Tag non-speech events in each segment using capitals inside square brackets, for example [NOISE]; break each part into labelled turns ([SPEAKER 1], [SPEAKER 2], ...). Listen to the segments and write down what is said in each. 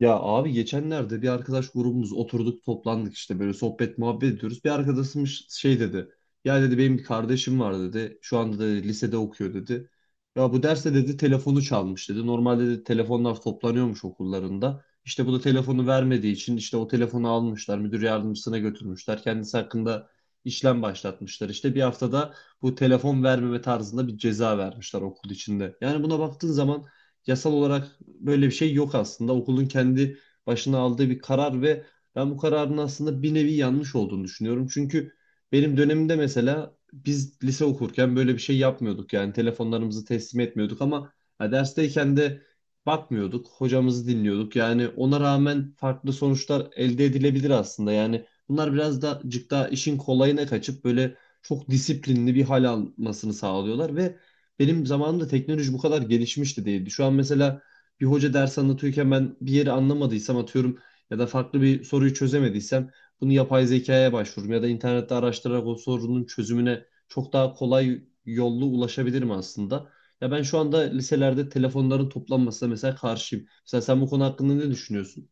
[SPEAKER 1] Ya abi geçenlerde bir arkadaş grubumuz oturduk toplandık işte böyle sohbet muhabbet ediyoruz. Bir arkadaşımız şey dedi. Ya dedi benim bir kardeşim var dedi. Şu anda da lisede okuyor dedi. Ya bu derste dedi telefonu çalmış dedi. Normalde dedi telefonlar toplanıyormuş okullarında. İşte bu da telefonu vermediği için işte o telefonu almışlar. Müdür yardımcısına götürmüşler. Kendisi hakkında işlem başlatmışlar. İşte bir haftada bu telefon vermeme tarzında bir ceza vermişler okul içinde. Yani buna baktığın zaman yasal olarak böyle bir şey yok aslında. Okulun kendi başına aldığı bir karar ve ben bu kararın aslında bir nevi yanlış olduğunu düşünüyorum. Çünkü benim dönemimde mesela biz lise okurken böyle bir şey yapmıyorduk. Yani telefonlarımızı teslim etmiyorduk ama ha, dersteyken de bakmıyorduk. Hocamızı dinliyorduk. Yani ona rağmen farklı sonuçlar elde edilebilir aslında. Yani bunlar biraz da cık daha işin kolayına kaçıp böyle çok disiplinli bir hal almasını sağlıyorlar ve benim zamanımda teknoloji bu kadar gelişmişti değildi. Şu an mesela bir hoca ders anlatıyorken ben bir yeri anlamadıysam, atıyorum, ya da farklı bir soruyu çözemediysem bunu yapay zekaya başvururum ya da internette araştırarak o sorunun çözümüne çok daha kolay yollu ulaşabilirim aslında. Ya ben şu anda liselerde telefonların toplanmasına mesela karşıyım. Mesela sen bu konu hakkında ne düşünüyorsun?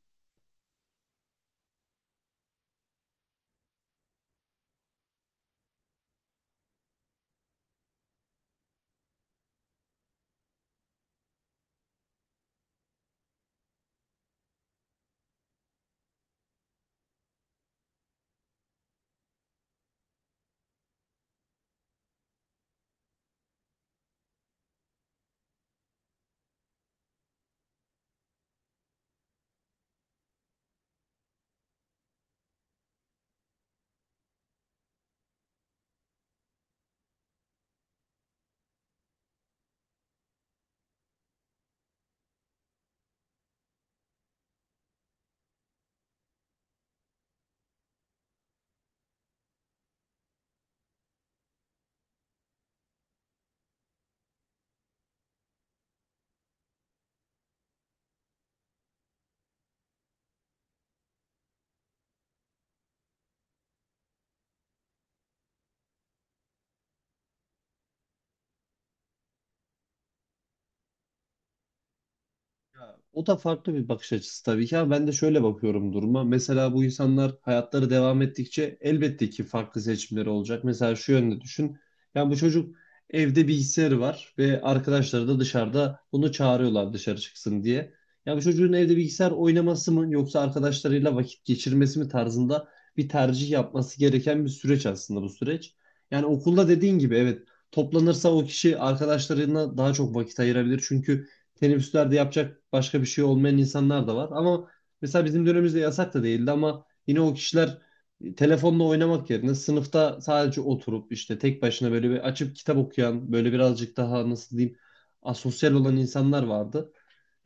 [SPEAKER 1] Ya, o da farklı bir bakış açısı tabii ki, ama ben de şöyle bakıyorum duruma. Mesela bu insanlar hayatları devam ettikçe elbette ki farklı seçimleri olacak. Mesela şu yönde düşün. Yani bu çocuk evde bilgisayarı var ve arkadaşları da dışarıda bunu çağırıyorlar dışarı çıksın diye. Ya bu çocuğun evde bilgisayar oynaması mı yoksa arkadaşlarıyla vakit geçirmesi mi tarzında bir tercih yapması gereken bir süreç aslında bu süreç. Yani okulda dediğin gibi, evet, toplanırsa o kişi arkadaşlarına daha çok vakit ayırabilir. Çünkü teneffüslerde yapacak başka bir şey olmayan insanlar da var. Ama mesela bizim dönemimizde yasak da değildi, ama yine o kişiler telefonla oynamak yerine sınıfta sadece oturup işte tek başına böyle bir açıp kitap okuyan, böyle birazcık daha, nasıl diyeyim, asosyal olan insanlar vardı.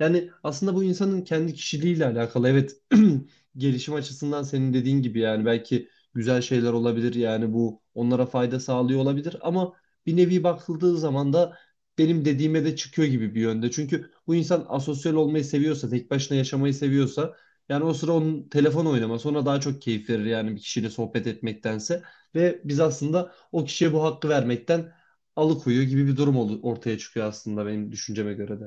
[SPEAKER 1] Yani aslında bu insanın kendi kişiliğiyle alakalı. Evet, [CLEARS THROAT] gelişim açısından senin dediğin gibi yani belki güzel şeyler olabilir, yani bu onlara fayda sağlıyor olabilir, ama bir nevi bakıldığı zaman da benim dediğime de çıkıyor gibi bir yönde. Çünkü bu insan asosyal olmayı seviyorsa, tek başına yaşamayı seviyorsa, yani o sıra onun telefon oynaması ona daha çok keyif verir yani, bir kişiyle sohbet etmektense. Ve biz aslında o kişiye bu hakkı vermekten alıkoyuyor gibi bir durum ortaya çıkıyor aslında, benim düşünceme göre de.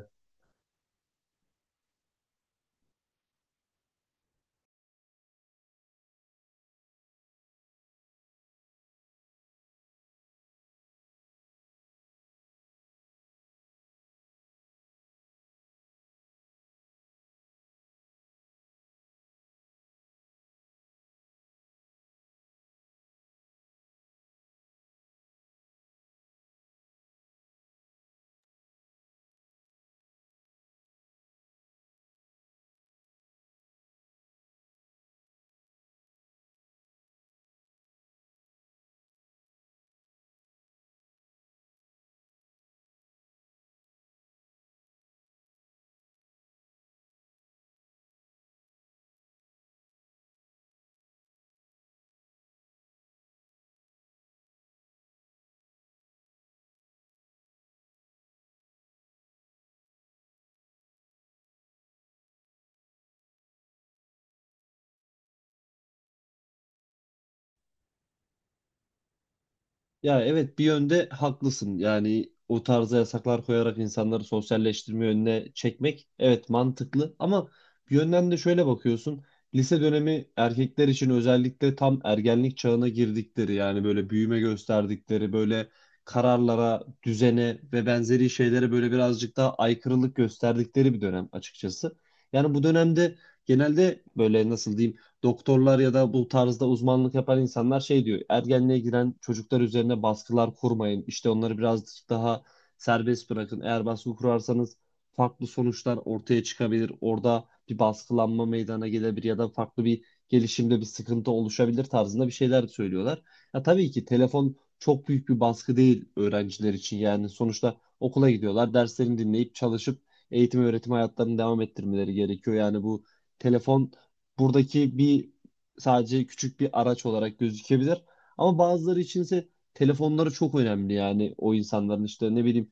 [SPEAKER 1] Ya evet, bir yönde haklısın. Yani o tarzda yasaklar koyarak insanları sosyalleştirme yönüne çekmek, evet, mantıklı, ama bir yönden de şöyle bakıyorsun. Lise dönemi erkekler için özellikle tam ergenlik çağına girdikleri, yani böyle büyüme gösterdikleri, böyle kararlara, düzene ve benzeri şeylere böyle birazcık daha aykırılık gösterdikleri bir dönem açıkçası. Yani bu dönemde genelde böyle, nasıl diyeyim, doktorlar ya da bu tarzda uzmanlık yapan insanlar şey diyor. Ergenliğe giren çocuklar üzerine baskılar kurmayın. İşte onları biraz daha serbest bırakın. Eğer baskı kurarsanız farklı sonuçlar ortaya çıkabilir. Orada bir baskılanma meydana gelebilir ya da farklı bir gelişimde bir sıkıntı oluşabilir tarzında bir şeyler söylüyorlar. Ya tabii ki telefon çok büyük bir baskı değil öğrenciler için. Yani sonuçta okula gidiyorlar, derslerini dinleyip çalışıp eğitim öğretim hayatlarını devam ettirmeleri gerekiyor. Yani bu telefon buradaki bir, sadece küçük bir araç olarak gözükebilir. Ama bazıları içinse telefonları çok önemli, yani o insanların işte, ne bileyim,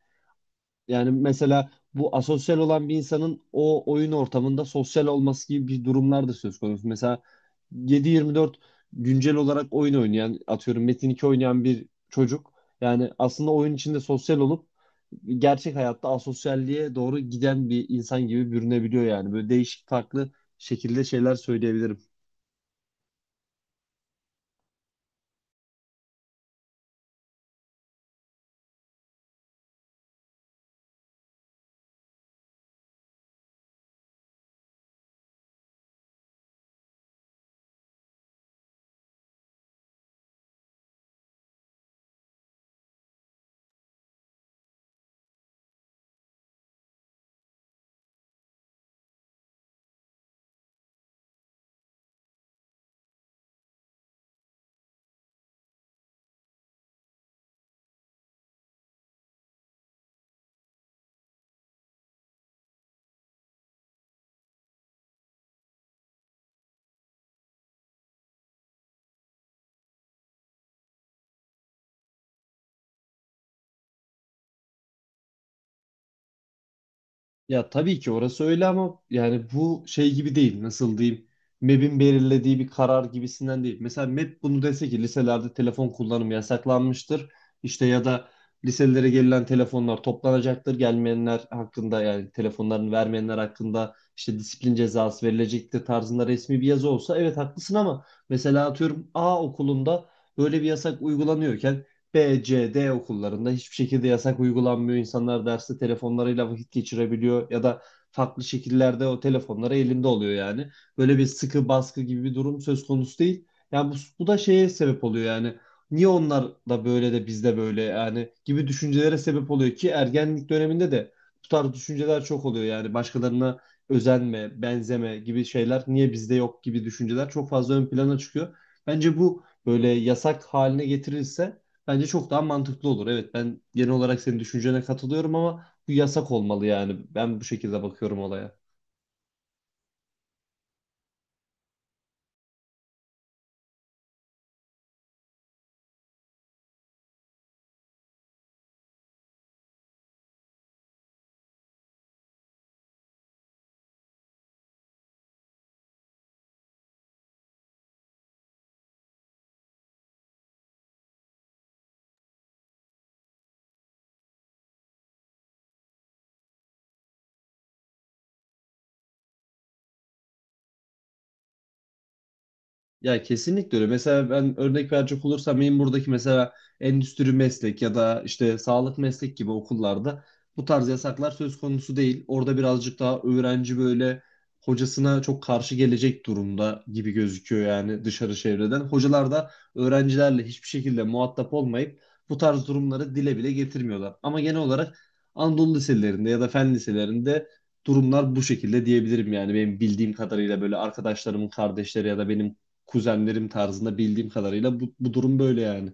[SPEAKER 1] yani mesela bu asosyal olan bir insanın o oyun ortamında sosyal olması gibi bir durumlar da söz konusu. Mesela 7-24 güncel olarak oyun oynayan, atıyorum, Metin 2 oynayan bir çocuk yani aslında oyun içinde sosyal olup gerçek hayatta asosyalliğe doğru giden bir insan gibi bürünebiliyor yani. Böyle değişik, farklı şekilde şeyler söyleyebilirim. Ya tabii ki orası öyle, ama yani bu şey gibi değil. Nasıl diyeyim? MEB'in belirlediği bir karar gibisinden değil. Mesela MEB bunu dese ki liselerde telefon kullanımı yasaklanmıştır. İşte ya da liselere gelen telefonlar toplanacaktır. Gelmeyenler hakkında, yani telefonlarını vermeyenler hakkında işte disiplin cezası verilecektir tarzında resmi bir yazı olsa evet haklısın, ama mesela atıyorum A okulunda böyle bir yasak uygulanıyorken B, C, D okullarında hiçbir şekilde yasak uygulanmıyor. İnsanlar derste telefonlarıyla vakit geçirebiliyor ya da farklı şekillerde o telefonları elinde oluyor yani. Böyle bir sıkı baskı gibi bir durum söz konusu değil. Yani bu da şeye sebep oluyor yani. Niye onlar da böyle de bizde böyle yani gibi düşüncelere sebep oluyor ki ergenlik döneminde de bu tarz düşünceler çok oluyor, yani başkalarına özenme, benzeme gibi şeyler niye bizde yok gibi düşünceler çok fazla ön plana çıkıyor. Bence bu böyle yasak haline getirilse bence çok daha mantıklı olur. Evet, ben genel olarak senin düşüncene katılıyorum, ama bu yasak olmalı yani. Ben bu şekilde bakıyorum olaya. Ya kesinlikle öyle. Mesela ben örnek verecek olursam, benim buradaki mesela endüstri meslek ya da işte sağlık meslek gibi okullarda bu tarz yasaklar söz konusu değil. Orada birazcık daha öğrenci böyle hocasına çok karşı gelecek durumda gibi gözüküyor yani, dışarı çevreden. Hocalar da öğrencilerle hiçbir şekilde muhatap olmayıp bu tarz durumları dile bile getirmiyorlar. Ama genel olarak Anadolu liselerinde ya da fen liselerinde durumlar bu şekilde diyebilirim, yani benim bildiğim kadarıyla böyle arkadaşlarımın kardeşleri ya da benim kuzenlerim tarzında bildiğim kadarıyla bu durum böyle yani.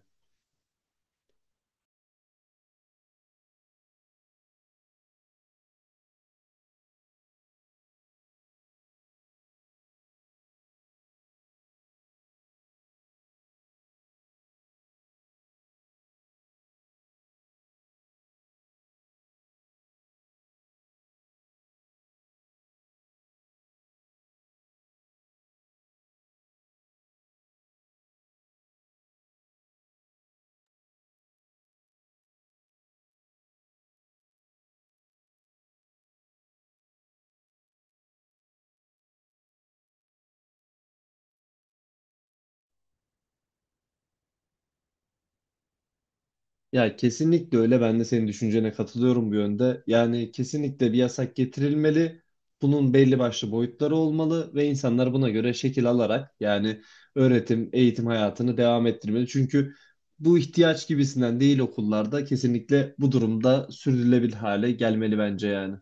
[SPEAKER 1] Ya kesinlikle öyle. Ben de senin düşüncene katılıyorum bu yönde. Yani kesinlikle bir yasak getirilmeli. Bunun belli başlı boyutları olmalı ve insanlar buna göre şekil alarak yani öğretim, eğitim hayatını devam ettirmeli. Çünkü bu ihtiyaç gibisinden değil, okullarda kesinlikle bu durumda sürdürülebilir hale gelmeli bence yani.